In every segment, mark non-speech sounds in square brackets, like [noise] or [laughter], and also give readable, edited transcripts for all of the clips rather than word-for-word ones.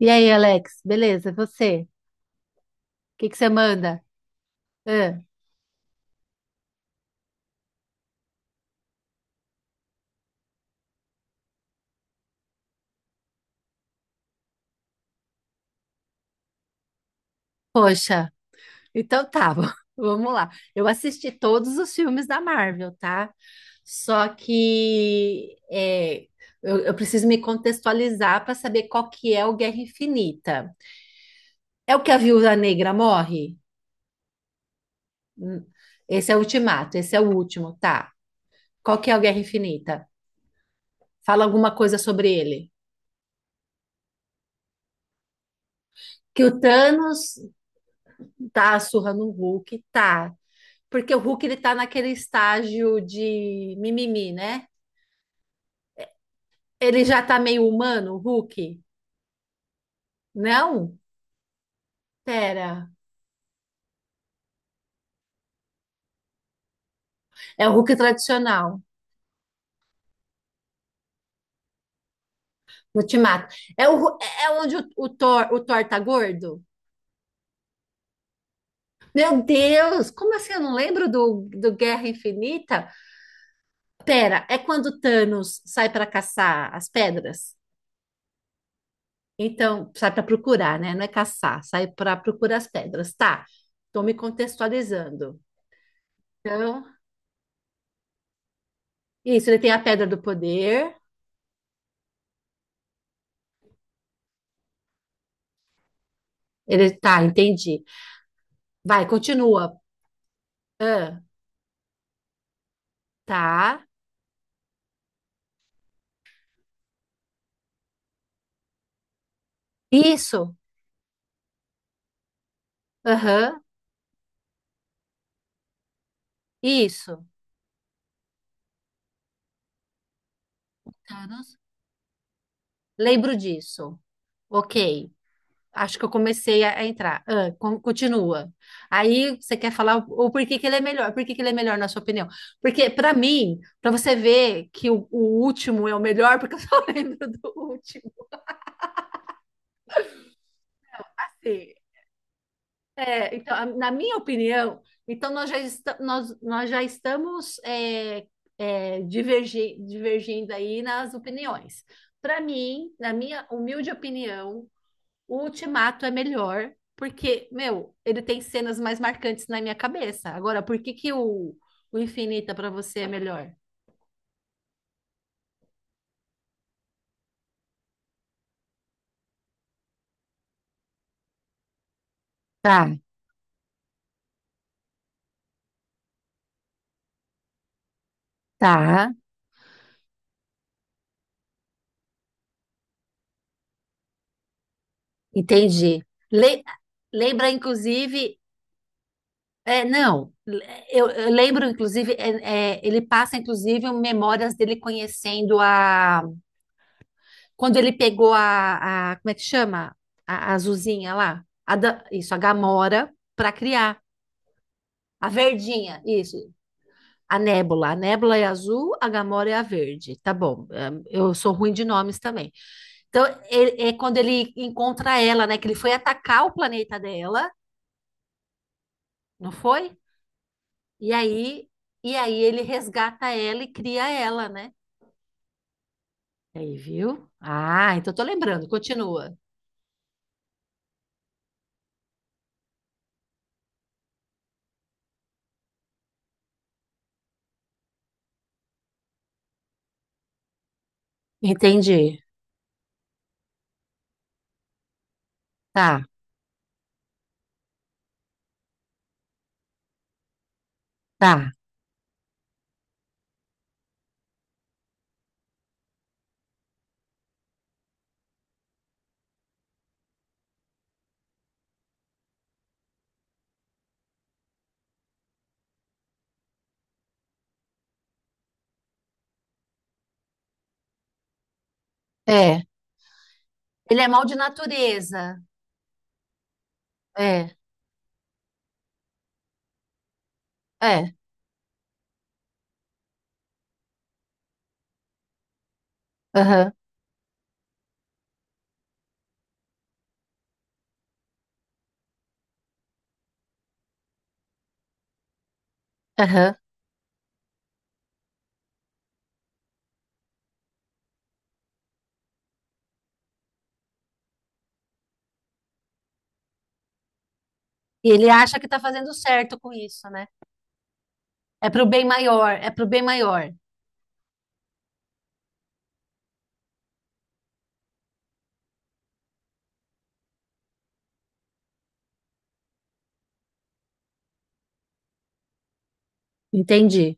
E aí, Alex, beleza? E você? O que que você manda? Ah, poxa, então tá, [laughs] vamos lá. Eu assisti todos os filmes da Marvel, tá? Só que eu preciso me contextualizar para saber qual que é o Guerra Infinita. É o que a Viúva Negra morre? Hum. Esse é o Ultimato, esse é o último, tá? Qual que é o Guerra Infinita? Fala alguma coisa sobre ele. Que o Thanos dá a surra no Hulk, tá? Porque o Hulk ele tá naquele estágio de mimimi, né? Ele já tá meio humano, o Hulk? Não? Pera. É o Hulk tradicional, Ultimato. É, o, Hu- é é onde o Thor tá gordo? Meu Deus, como assim? Eu não lembro do Guerra Infinita? Pera, é quando o Thanos sai para caçar as pedras? Então, sai para procurar, né? Não é caçar, sai para procurar as pedras. Tá, tô me contextualizando. Então, isso, ele tem a pedra do poder. Ele tá, entendi. Vai, continua. Ah, tá. Isso. Aham. Isso. Thanos. Lembro disso. Ok. Acho que eu comecei a entrar. Ah, continua. Aí você quer falar o porquê que ele é melhor? Por que que ele é melhor na sua opinião? Porque para mim, para você ver que o último é o melhor, porque [laughs] eu só lembro do último. Assim, então, na minha opinião, então nós já estamos divergindo aí nas opiniões. Para mim, na minha humilde opinião, o Ultimato é melhor, porque, meu, ele tem cenas mais marcantes na minha cabeça. Agora, por que que o Infinita para você é melhor? Tá, tá, entendi. Le- Lembra, inclusive, não, eu lembro, inclusive, ele passa, inclusive, memórias dele conhecendo a... Quando ele pegou como é que chama? A azulzinha lá. Isso, a Gamora, para criar. A verdinha, isso. A Nébula. A Nébula é azul, a Gamora é a verde. Tá bom, eu sou ruim de nomes também. Então, é quando ele encontra ela, né? Que ele foi atacar o planeta dela, não foi? E aí... E aí ele resgata ela e cria ela, né? Aí, viu? Ah, então tô lembrando. Continua. Entendi. Tá, tá. É. Ele é mal de natureza. É, é. Aham, aham. E ele acha que tá fazendo certo com isso, né? É pro bem maior, é pro bem maior. Entendi.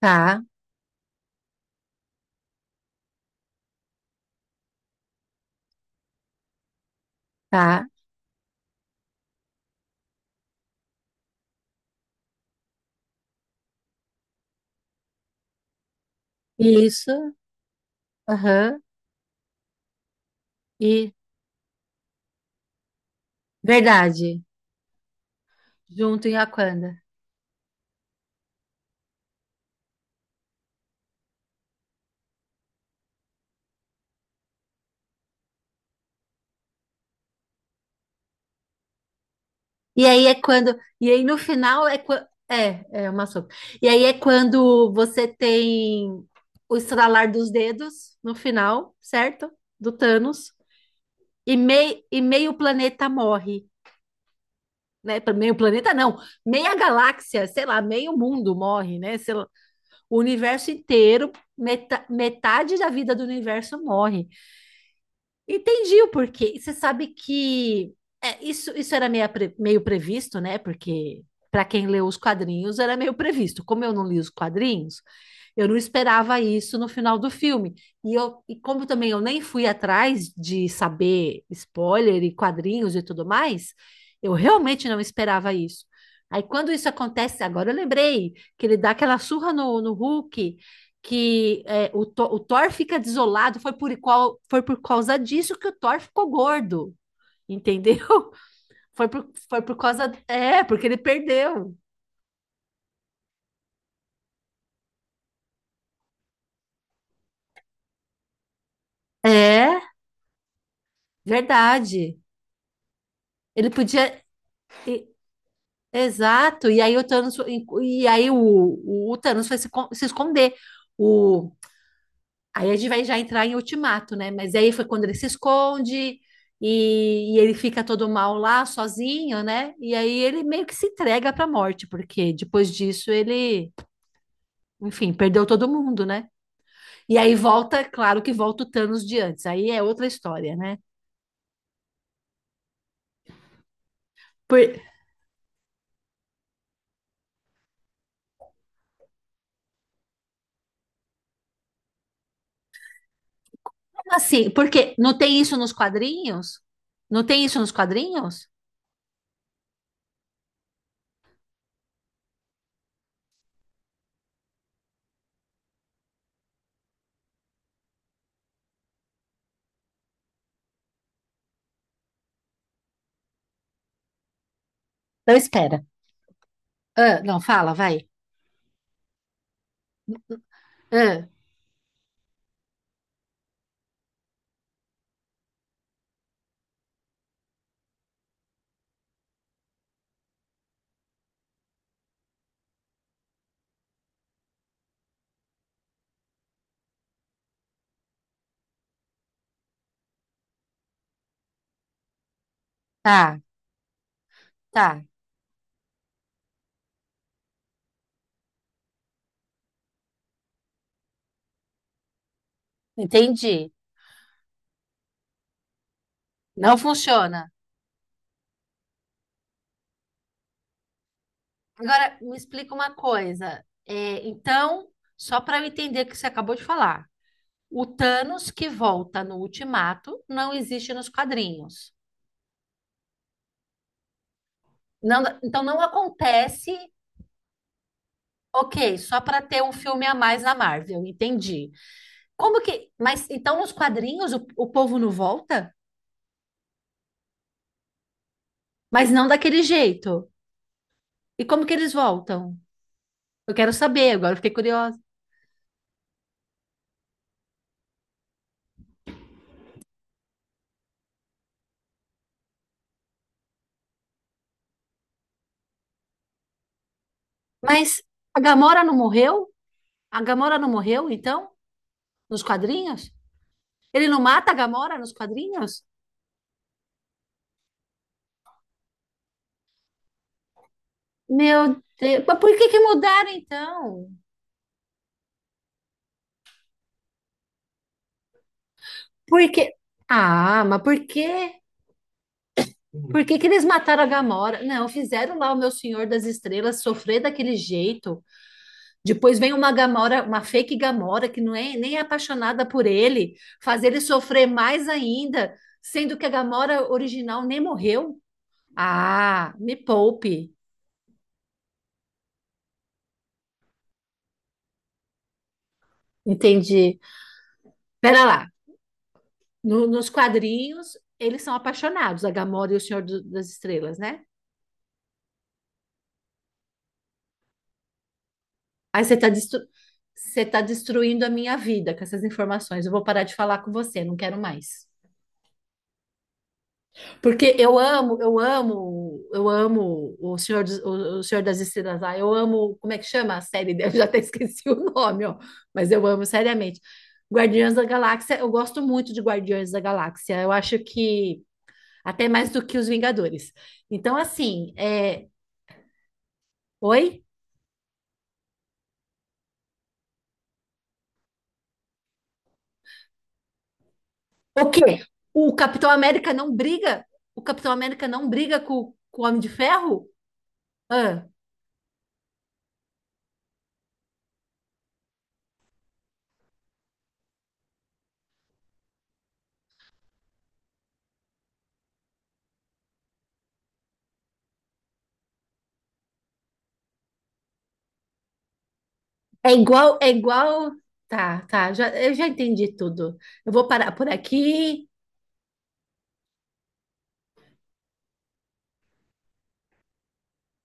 Tá, tá. Isso. Aham. E verdade. Junto em Aquanda. E aí é quando. E aí no final é quando. É uma sopa. E aí é quando você tem o estralar dos dedos no final, certo? Do Thanos. E meio planeta morre, né? Meio planeta não, meia galáxia, sei lá, meio mundo morre, né? Sei lá, o universo inteiro, metade da vida do universo morre. Entendi o porquê. E você sabe que isso era meio, meio previsto, né? Porque para quem leu os quadrinhos era meio previsto. Como eu não li os quadrinhos, eu não esperava isso no final do filme. E como também eu nem fui atrás de saber spoiler e quadrinhos e tudo mais, eu realmente não esperava isso. Aí quando isso acontece, agora eu lembrei que ele dá aquela surra no Hulk que é, o Thor fica desolado, foi por causa disso que o Thor ficou gordo, entendeu? [laughs] Foi por causa. É, porque ele perdeu. É, verdade. Ele podia. e- Exato. E aí o Thanos. E aí o Thanos foi se esconder. O, Aí a gente vai já entrar em Ultimato, né? Mas aí foi quando ele se esconde e ele fica todo mal lá, sozinho, né? E aí ele meio que se entrega para a morte, porque depois disso ele, enfim, perdeu todo mundo, né? E aí volta, claro que volta o Thanos de antes. Aí é outra história, né? Por, como assim, porque não tem isso nos quadrinhos? Não tem isso nos quadrinhos? Não, espera. Ah, não, fala, vai. Ah, tá, tá. Entendi. Não funciona. Agora, me explica uma coisa. Então, só para eu entender o que você acabou de falar, o Thanos que volta no Ultimato não existe nos quadrinhos. Não, então, não acontece. Ok, só para ter um filme a mais na Marvel, entendi. Como que. Mas então nos quadrinhos o povo não volta? Mas não daquele jeito. E como que eles voltam? Eu quero saber, agora eu fiquei curiosa. Mas a Gamora não morreu? A Gamora não morreu, então? Nos quadrinhos? Ele não mata a Gamora nos quadrinhos? Meu Deus, mas por que que mudaram então? Por que? Ah, mas por quê? Por que que eles mataram a Gamora? Não, fizeram lá o meu Senhor das Estrelas sofrer daquele jeito. Depois vem uma Gamora, uma fake Gamora que não é nem é apaixonada por ele, fazer ele sofrer mais ainda, sendo que a Gamora original nem morreu. Ah, me poupe. Entendi. Pera lá. Nos quadrinhos, eles são apaixonados, a Gamora e o Senhor das Estrelas, né? Aí você tá, destru... você tá destruindo a minha vida com essas informações. Eu vou parar de falar com você, não quero mais. Porque eu amo, eu amo, eu amo o Senhor, o Senhor das Estrelas lá. Eu amo, como é que chama a série dele? [laughs] Eu já até esqueci o nome, ó. Mas eu amo, seriamente. Guardiões da Galáxia, eu gosto muito de Guardiões da Galáxia. Eu acho que até mais do que os Vingadores. Então, assim. Oi? O quê? O Capitão América não briga? O Capitão América não briga com o Homem de Ferro? Ah, é igual, é igual. Tá, tá, eu já entendi tudo. Eu vou parar por aqui.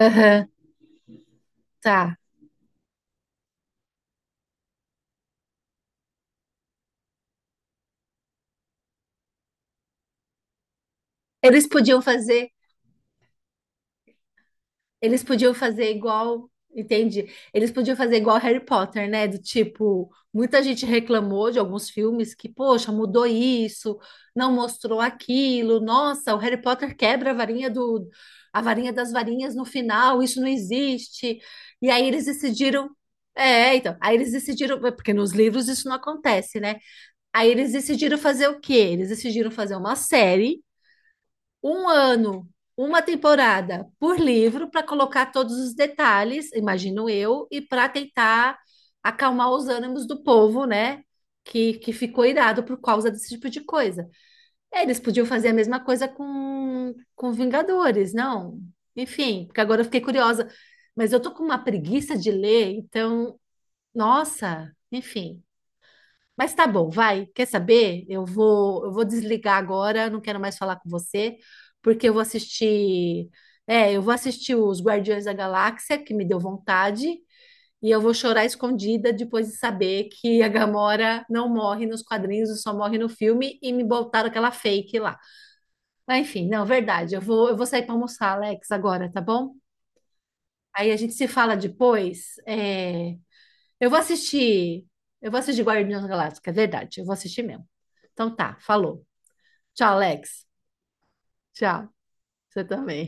Aham, tá. Eles podiam fazer. Eles podiam fazer igual, entende? Eles podiam fazer igual Harry Potter, né? Do tipo, muita gente reclamou de alguns filmes que, poxa, mudou isso, não mostrou aquilo. Nossa, o Harry Potter quebra a varinha a varinha das varinhas no final, isso não existe. E aí eles decidiram, então, aí eles decidiram, porque nos livros isso não acontece, né? Aí eles decidiram fazer o quê? Eles decidiram fazer uma série um ano, uma temporada por livro para colocar todos os detalhes, imagino eu, e para tentar acalmar os ânimos do povo, né? Que ficou irado por causa desse tipo de coisa. Eles podiam fazer a mesma coisa com Vingadores, não? Enfim, porque agora eu fiquei curiosa. Mas eu tô com uma preguiça de ler, então, nossa, enfim. Mas tá bom, vai. Quer saber? Eu vou desligar agora, não quero mais falar com você, porque eu vou assistir os Guardiões da Galáxia, que me deu vontade, e eu vou chorar escondida depois de saber que a Gamora não morre nos quadrinhos, só morre no filme e me botaram aquela fake lá. Mas enfim, não, verdade. Eu vou sair para almoçar, Alex, agora, tá bom? Aí a gente se fala depois. Eu vou assistir. Eu vou assistir Guardiões da Galáxia, é verdade. Eu vou assistir mesmo. Então tá, falou. Tchau, Alex. Tchau. Você também.